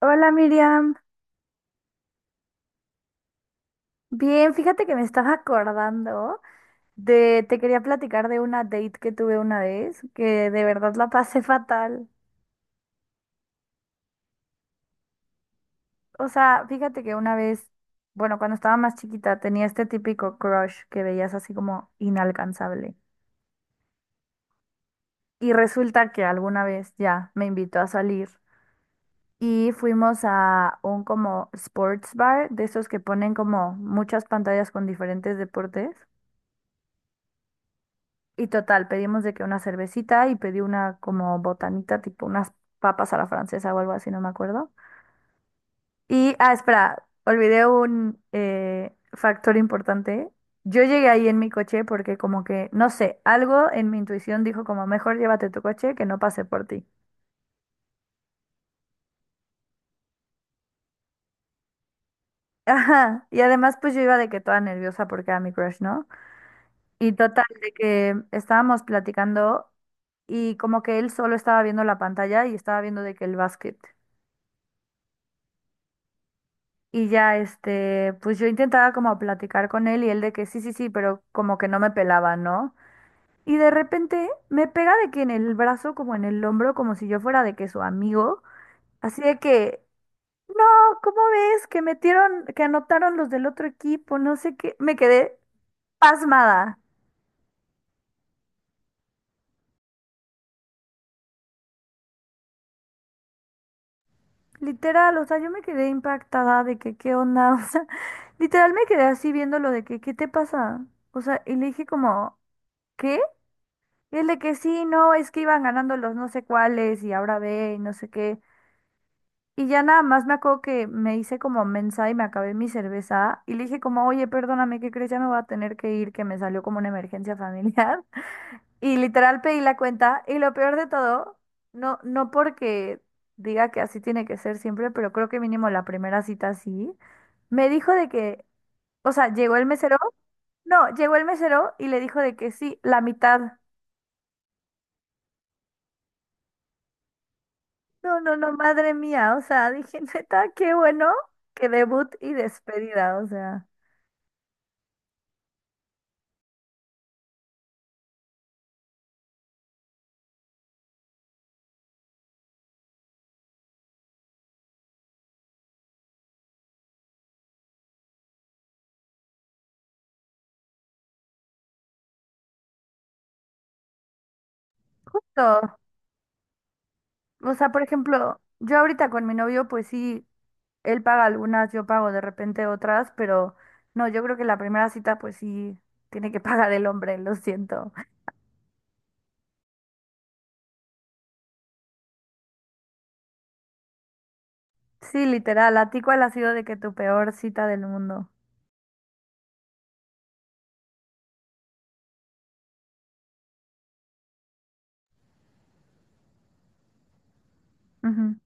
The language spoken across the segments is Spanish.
Hola, Miriam. Bien, fíjate que me estaba acordando de, te quería platicar de una date que tuve una vez, que de verdad la pasé fatal. O sea, fíjate que una vez, bueno, cuando estaba más chiquita tenía este típico crush que veías así como inalcanzable. Y resulta que alguna vez ya me invitó a salir y fuimos a un como sports bar, de esos que ponen como muchas pantallas con diferentes deportes. Y total, pedimos de que una cervecita y pedí una como botanita, tipo unas papas a la francesa o algo así, no me acuerdo. Y, ah, espera, olvidé un factor importante. Yo llegué ahí en mi coche porque como que, no sé, algo en mi intuición dijo como, mejor llévate tu coche que no pase por ti. Ajá, y además pues yo iba de que toda nerviosa porque era mi crush, ¿no? Y total, de que estábamos platicando y como que él solo estaba viendo la pantalla y estaba viendo de que el básquet. Y ya, este, pues yo intentaba como platicar con él y él de que sí, sí, sí, pero como que no me pelaba, ¿no? Y de repente me pega de que en el brazo, como en el hombro, como si yo fuera de que su amigo, así de que, no, ¿cómo ves? Que metieron, que anotaron los del otro equipo, no sé qué, me quedé pasmada. Literal, o sea, yo me quedé impactada de que, ¿qué onda? O sea, literal me quedé así viéndolo de que, ¿qué te pasa? O sea, y le dije como, ¿qué? Y dile que sí, no, es que iban ganando los no sé cuáles y ahora ve y no sé qué. Y ya nada más me acuerdo que me hice como mensa y me acabé mi cerveza y le dije como, oye, perdóname, ¿qué crees? Ya me voy a tener que ir, que me salió como una emergencia familiar. Y literal pedí la cuenta y lo peor de todo, no, no porque diga que así tiene que ser siempre, pero creo que mínimo la primera cita sí, me dijo de que, o sea, llegó el mesero, no, llegó el mesero y le dijo de que sí, la mitad. No, no, no, madre mía, o sea, dije, neta, qué bueno que debut y despedida, o sea, todo. O sea, por ejemplo, yo ahorita con mi novio, pues sí, él paga algunas, yo pago de repente otras, pero no, yo creo que la primera cita, pues sí, tiene que pagar el hombre, lo siento. Sí, literal, ¿a ti cuál ha sido de que tu peor cita del mundo? Ujú.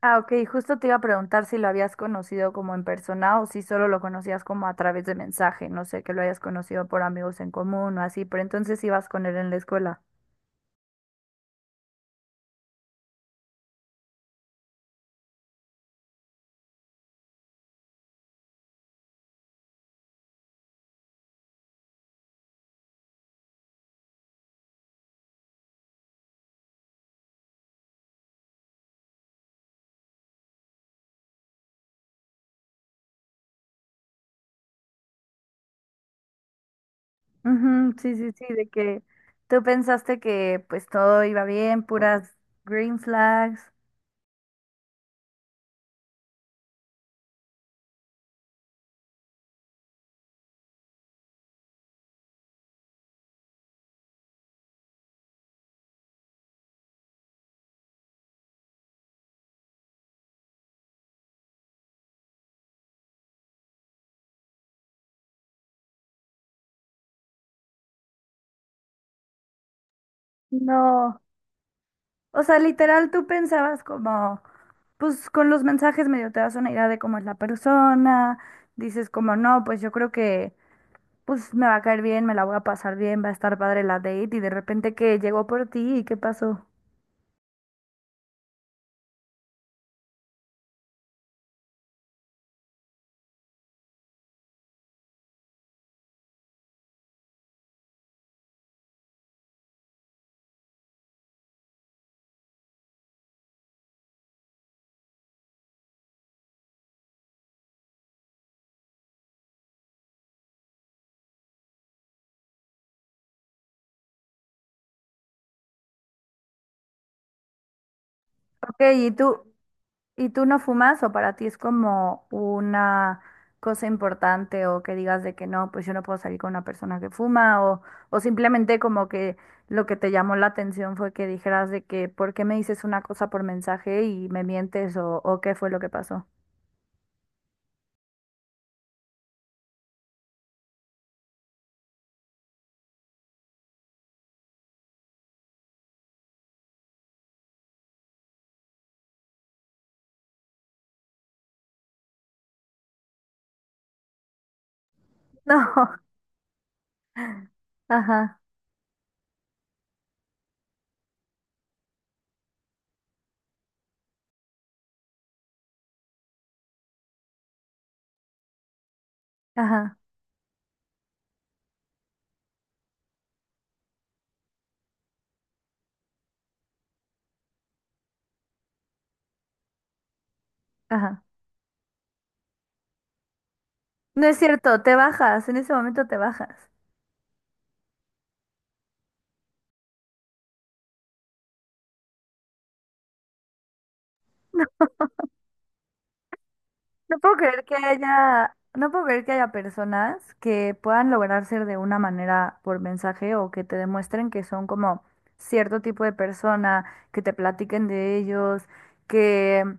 Ah, ok, justo te iba a preguntar si lo habías conocido como en persona o si solo lo conocías como a través de mensaje, no sé, que lo hayas conocido por amigos en común o así, pero entonces ibas con él en la escuela. Ujú, sí, sí, sí, de que tú pensaste que pues todo iba bien, puras green flags. No, o sea, literal tú pensabas como, pues con los mensajes medio te das una idea de cómo es la persona, dices como, no, pues yo creo que pues me va a caer bien, me la voy a pasar bien, va a estar padre la date y de repente que llegó por ti y qué pasó. Ok, y tú no fumas o para ti es como una cosa importante o que digas de que no, pues yo no puedo salir con una persona que fuma o simplemente como que lo que te llamó la atención fue que dijeras de que ¿por qué me dices una cosa por mensaje y me mientes o qué fue lo que pasó? No, ajá, ajá, ajá. No es cierto, te bajas, en ese momento te bajas. No puedo creer que haya, no puedo creer que haya personas que puedan lograr ser de una manera por mensaje o que te demuestren que son como cierto tipo de persona, que te platiquen de ellos, que,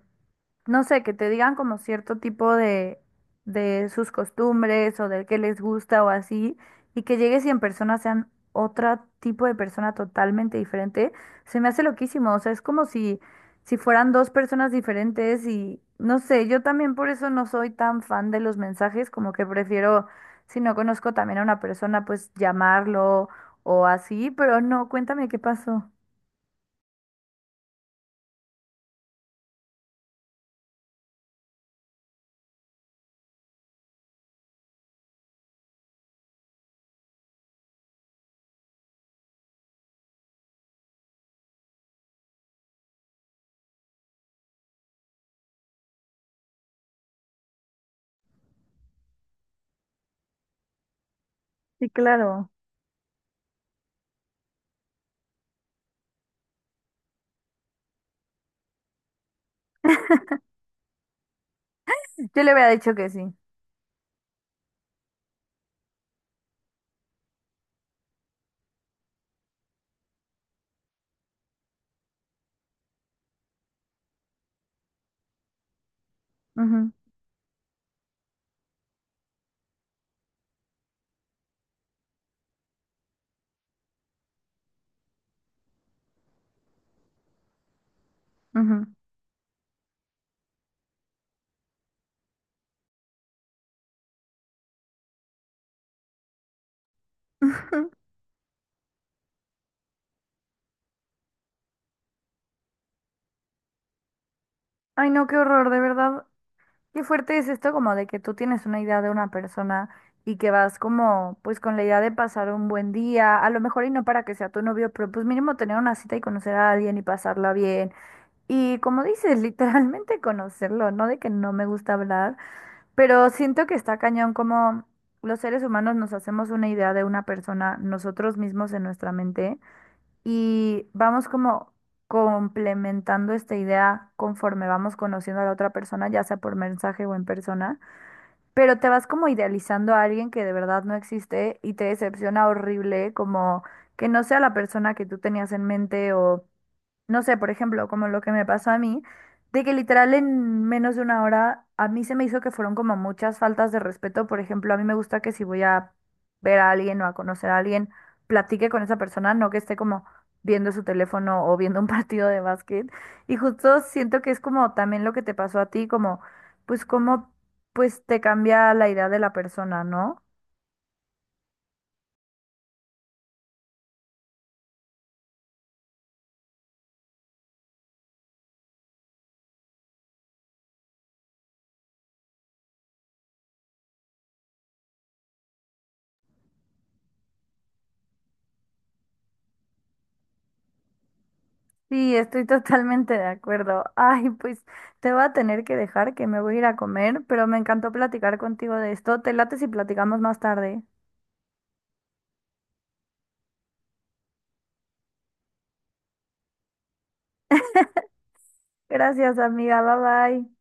no sé, que te digan como cierto tipo de sus costumbres o de qué les gusta o así, y que llegues y en persona sean otro tipo de persona totalmente diferente, se me hace loquísimo. O sea, es como si si fueran dos personas diferentes y no sé, yo también por eso no soy tan fan de los mensajes, como que prefiero, si no conozco también a una persona, pues llamarlo o así, pero no, cuéntame qué pasó. Sí, claro. Yo le había dicho que sí. Ujú, ujú. Ay, no, qué horror, de verdad. Qué fuerte es esto como de que tú tienes una idea de una persona y que vas como pues con la idea de pasar un buen día, a lo mejor y no para que sea tu novio, pero pues mínimo tener una cita y conocer a alguien y pasarla bien. Y como dices, literalmente conocerlo, no de que no me gusta hablar, pero siento que está cañón como los seres humanos nos hacemos una idea de una persona nosotros mismos en nuestra mente y vamos como complementando esta idea conforme vamos conociendo a la otra persona, ya sea por mensaje o en persona, pero te vas como idealizando a alguien que de verdad no existe y te decepciona horrible como que no sea la persona que tú tenías en mente o no sé, por ejemplo, como lo que me pasó a mí, de que literal en menos de una hora a mí se me hizo que fueron como muchas faltas de respeto. Por ejemplo, a mí me gusta que si voy a ver a alguien o a conocer a alguien, platique con esa persona, no que esté como viendo su teléfono o viendo un partido de básquet. Y justo siento que es como también lo que te pasó a ti, como pues cómo pues te cambia la idea de la persona, ¿no? Sí, estoy totalmente de acuerdo. Ay, pues te voy a tener que dejar que me voy a ir a comer, pero me encantó platicar contigo de esto. Te late si platicamos más tarde. Gracias, amiga. Bye bye.